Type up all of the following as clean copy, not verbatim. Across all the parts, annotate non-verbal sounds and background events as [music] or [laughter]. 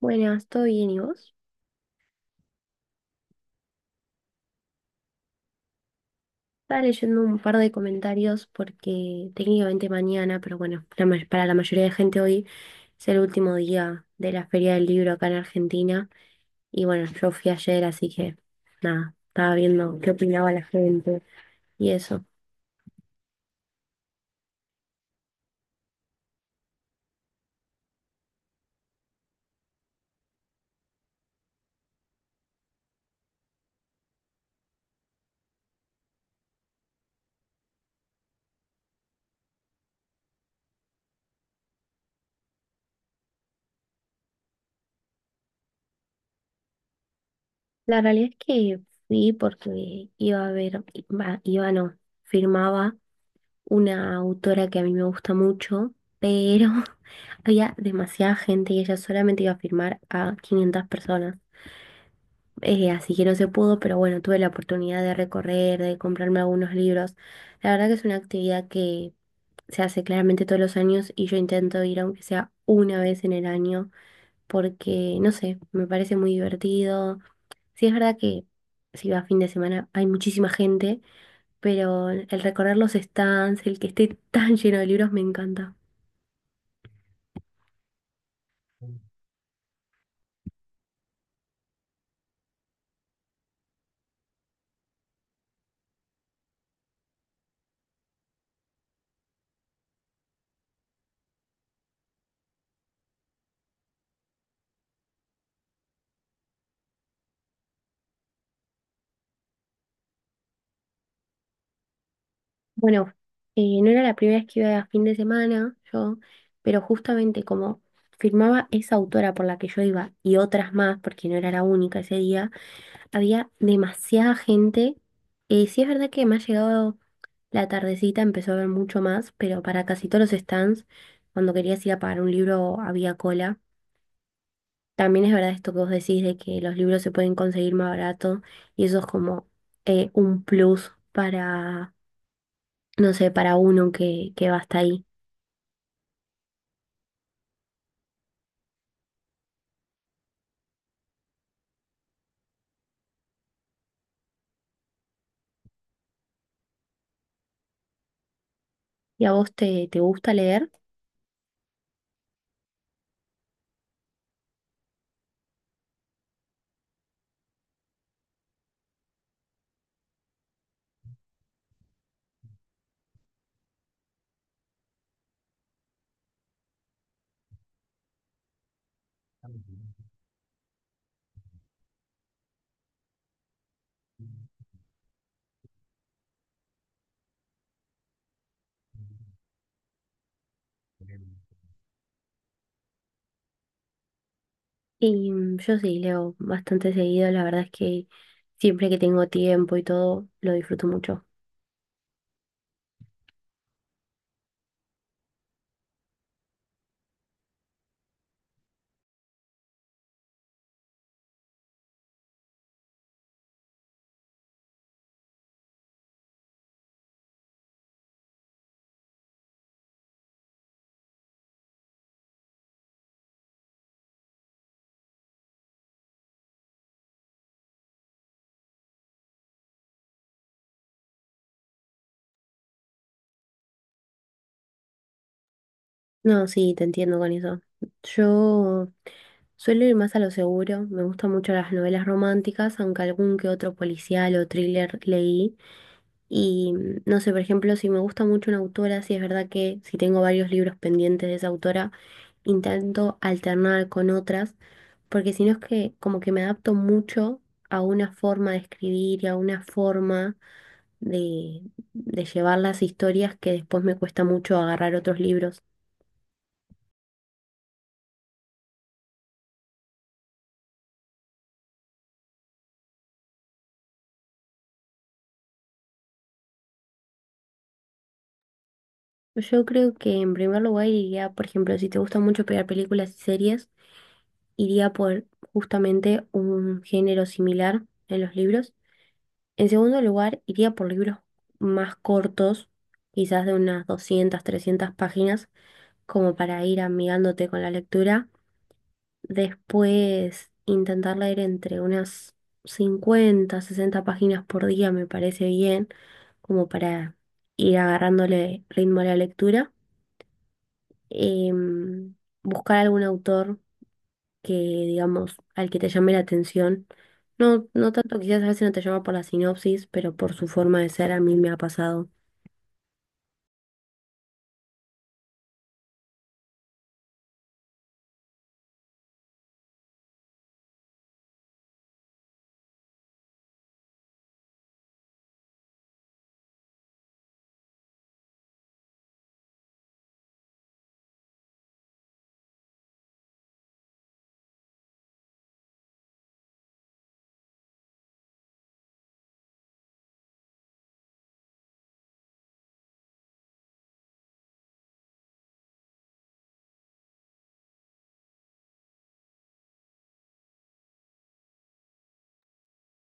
Buenas, ¿todo bien y vos? Estaba leyendo un par de comentarios porque técnicamente mañana, pero bueno, para la mayoría de gente hoy es el último día de la Feria del Libro acá en Argentina. Y bueno, yo fui ayer, así que nada, estaba viendo qué opinaba la gente y eso. La realidad es que fui porque iba a ver, iba no, firmaba una autora que a mí me gusta mucho, pero [laughs] había demasiada gente y ella solamente iba a firmar a 500 personas. Así que no se pudo, pero bueno, tuve la oportunidad de recorrer, de comprarme algunos libros. La verdad que es una actividad que se hace claramente todos los años y yo intento ir aunque sea una vez en el año porque, no sé, me parece muy divertido. Sí, es verdad que si va a fin de semana hay muchísima gente, pero el recorrer los stands, el que esté [laughs] tan lleno de libros me encanta. Bueno, no era la primera vez que iba a fin de semana yo, pero justamente como firmaba esa autora por la que yo iba y otras más, porque no era la única ese día, había demasiada gente. Sí, es verdad que me ha llegado la tardecita, empezó a haber mucho más, pero para casi todos los stands, cuando querías ir a pagar un libro había cola. También es verdad esto que vos decís de que los libros se pueden conseguir más barato y eso es como un plus para, no sé, para uno que va hasta ahí. ¿Y a vos te gusta leer? Y yo sí, leo bastante seguido, la verdad es que siempre que tengo tiempo y todo, lo disfruto mucho. No, sí, te entiendo con eso. Yo suelo ir más a lo seguro, me gustan mucho las novelas románticas, aunque algún que otro policial o thriller leí. Y no sé, por ejemplo, si me gusta mucho una autora, sí es verdad que si tengo varios libros pendientes de esa autora, intento alternar con otras, porque si no es que como que me adapto mucho a una forma de escribir y a una forma de, de llevar las historias que después me cuesta mucho agarrar otros libros. Yo creo que en primer lugar iría, por ejemplo, si te gusta mucho pegar películas y series, iría por justamente un género similar en los libros. En segundo lugar, iría por libros más cortos, quizás de unas 200 300 páginas como para ir amigándote con la lectura. Después intentar leer entre unas 50, 60 páginas por día me parece bien, como para ir agarrándole ritmo a la lectura. Em, Buscar algún autor que, digamos, al que te llame la atención. No, no tanto quizás a veces no te llama por la sinopsis, pero por su forma de ser a mí me ha pasado.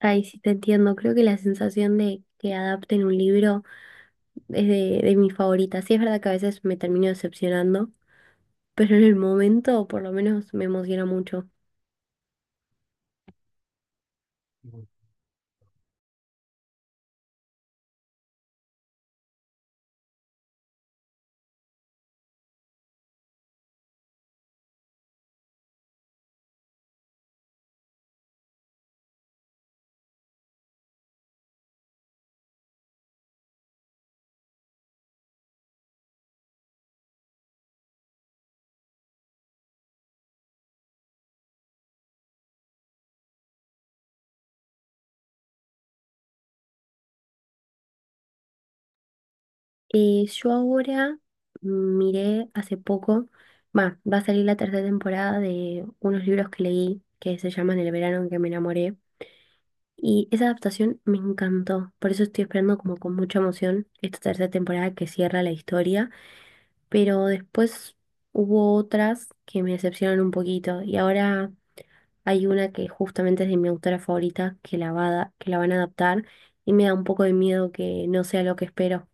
Ay, sí, te entiendo. Creo que la sensación de que adapten un libro es de mis favoritas. Sí, es verdad que a veces me termino decepcionando, pero en el momento por lo menos me emociona mucho. Yo ahora miré hace poco, va a salir la tercera temporada de unos libros que leí que se llaman El verano en que me enamoré. Y esa adaptación me encantó, por eso estoy esperando como con mucha emoción esta tercera temporada que cierra la historia, pero después hubo otras que me decepcionaron un poquito y ahora hay una que justamente es de mi autora favorita, que la van a adaptar, y me da un poco de miedo que no sea lo que espero.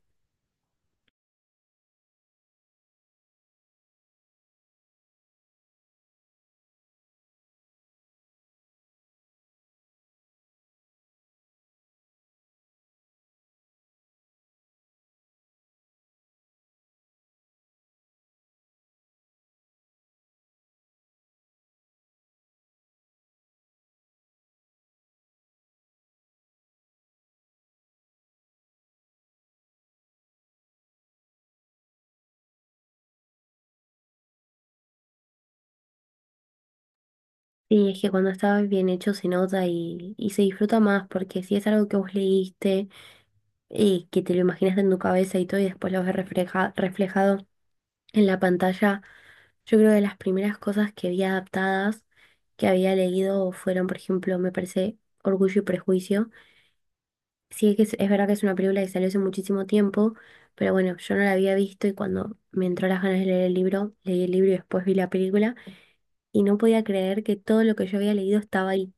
Y es que cuando está bien hecho se nota y se disfruta más, porque si es algo que vos leíste, que te lo imaginaste en tu cabeza y todo, y después lo ves reflejado en la pantalla, yo creo que las primeras cosas que vi adaptadas, que había leído, fueron, por ejemplo, me parece Orgullo y Prejuicio. Sí, que es verdad que es una película que salió hace muchísimo tiempo, pero bueno, yo no la había visto y cuando me entró las ganas de leer el libro, leí el libro y después vi la película y no podía creer que todo lo que yo había leído estaba ahí.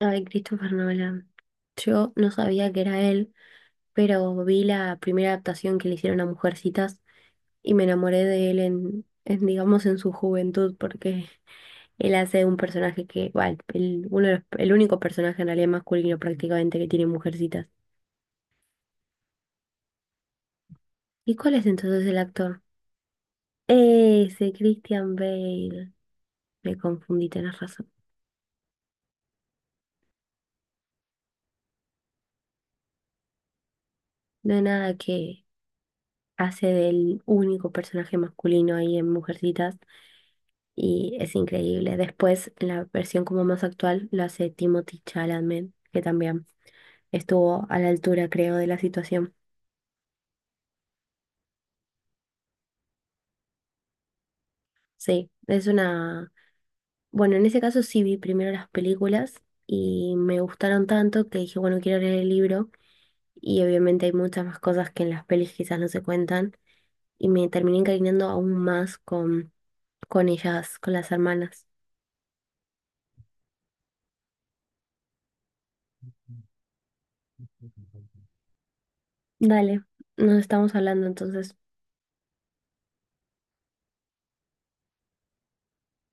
Ay, Christopher Nolan. Yo no sabía que era él, pero vi la primera adaptación que le hicieron a Mujercitas y me enamoré de él en, digamos, en su juventud, porque [laughs] él hace un personaje que, bueno, el, uno de los- el único personaje en realidad masculino prácticamente que tiene Mujercitas. ¿Y cuál es entonces el actor? Ese Christian Bale. Me confundí, tenés razón. No hay nada que hace del único personaje masculino ahí en Mujercitas y es increíble. Después, en la versión como más actual, lo hace Timothy Chalamet, que también estuvo a la altura, creo, de la situación. Sí, es una... Bueno, en ese caso sí vi primero las películas y me gustaron tanto que dije, bueno, quiero leer el libro y obviamente hay muchas más cosas que en las pelis quizás no se cuentan y me terminé encariñando aún más con, ellas, con las hermanas. Dale, nos estamos hablando entonces.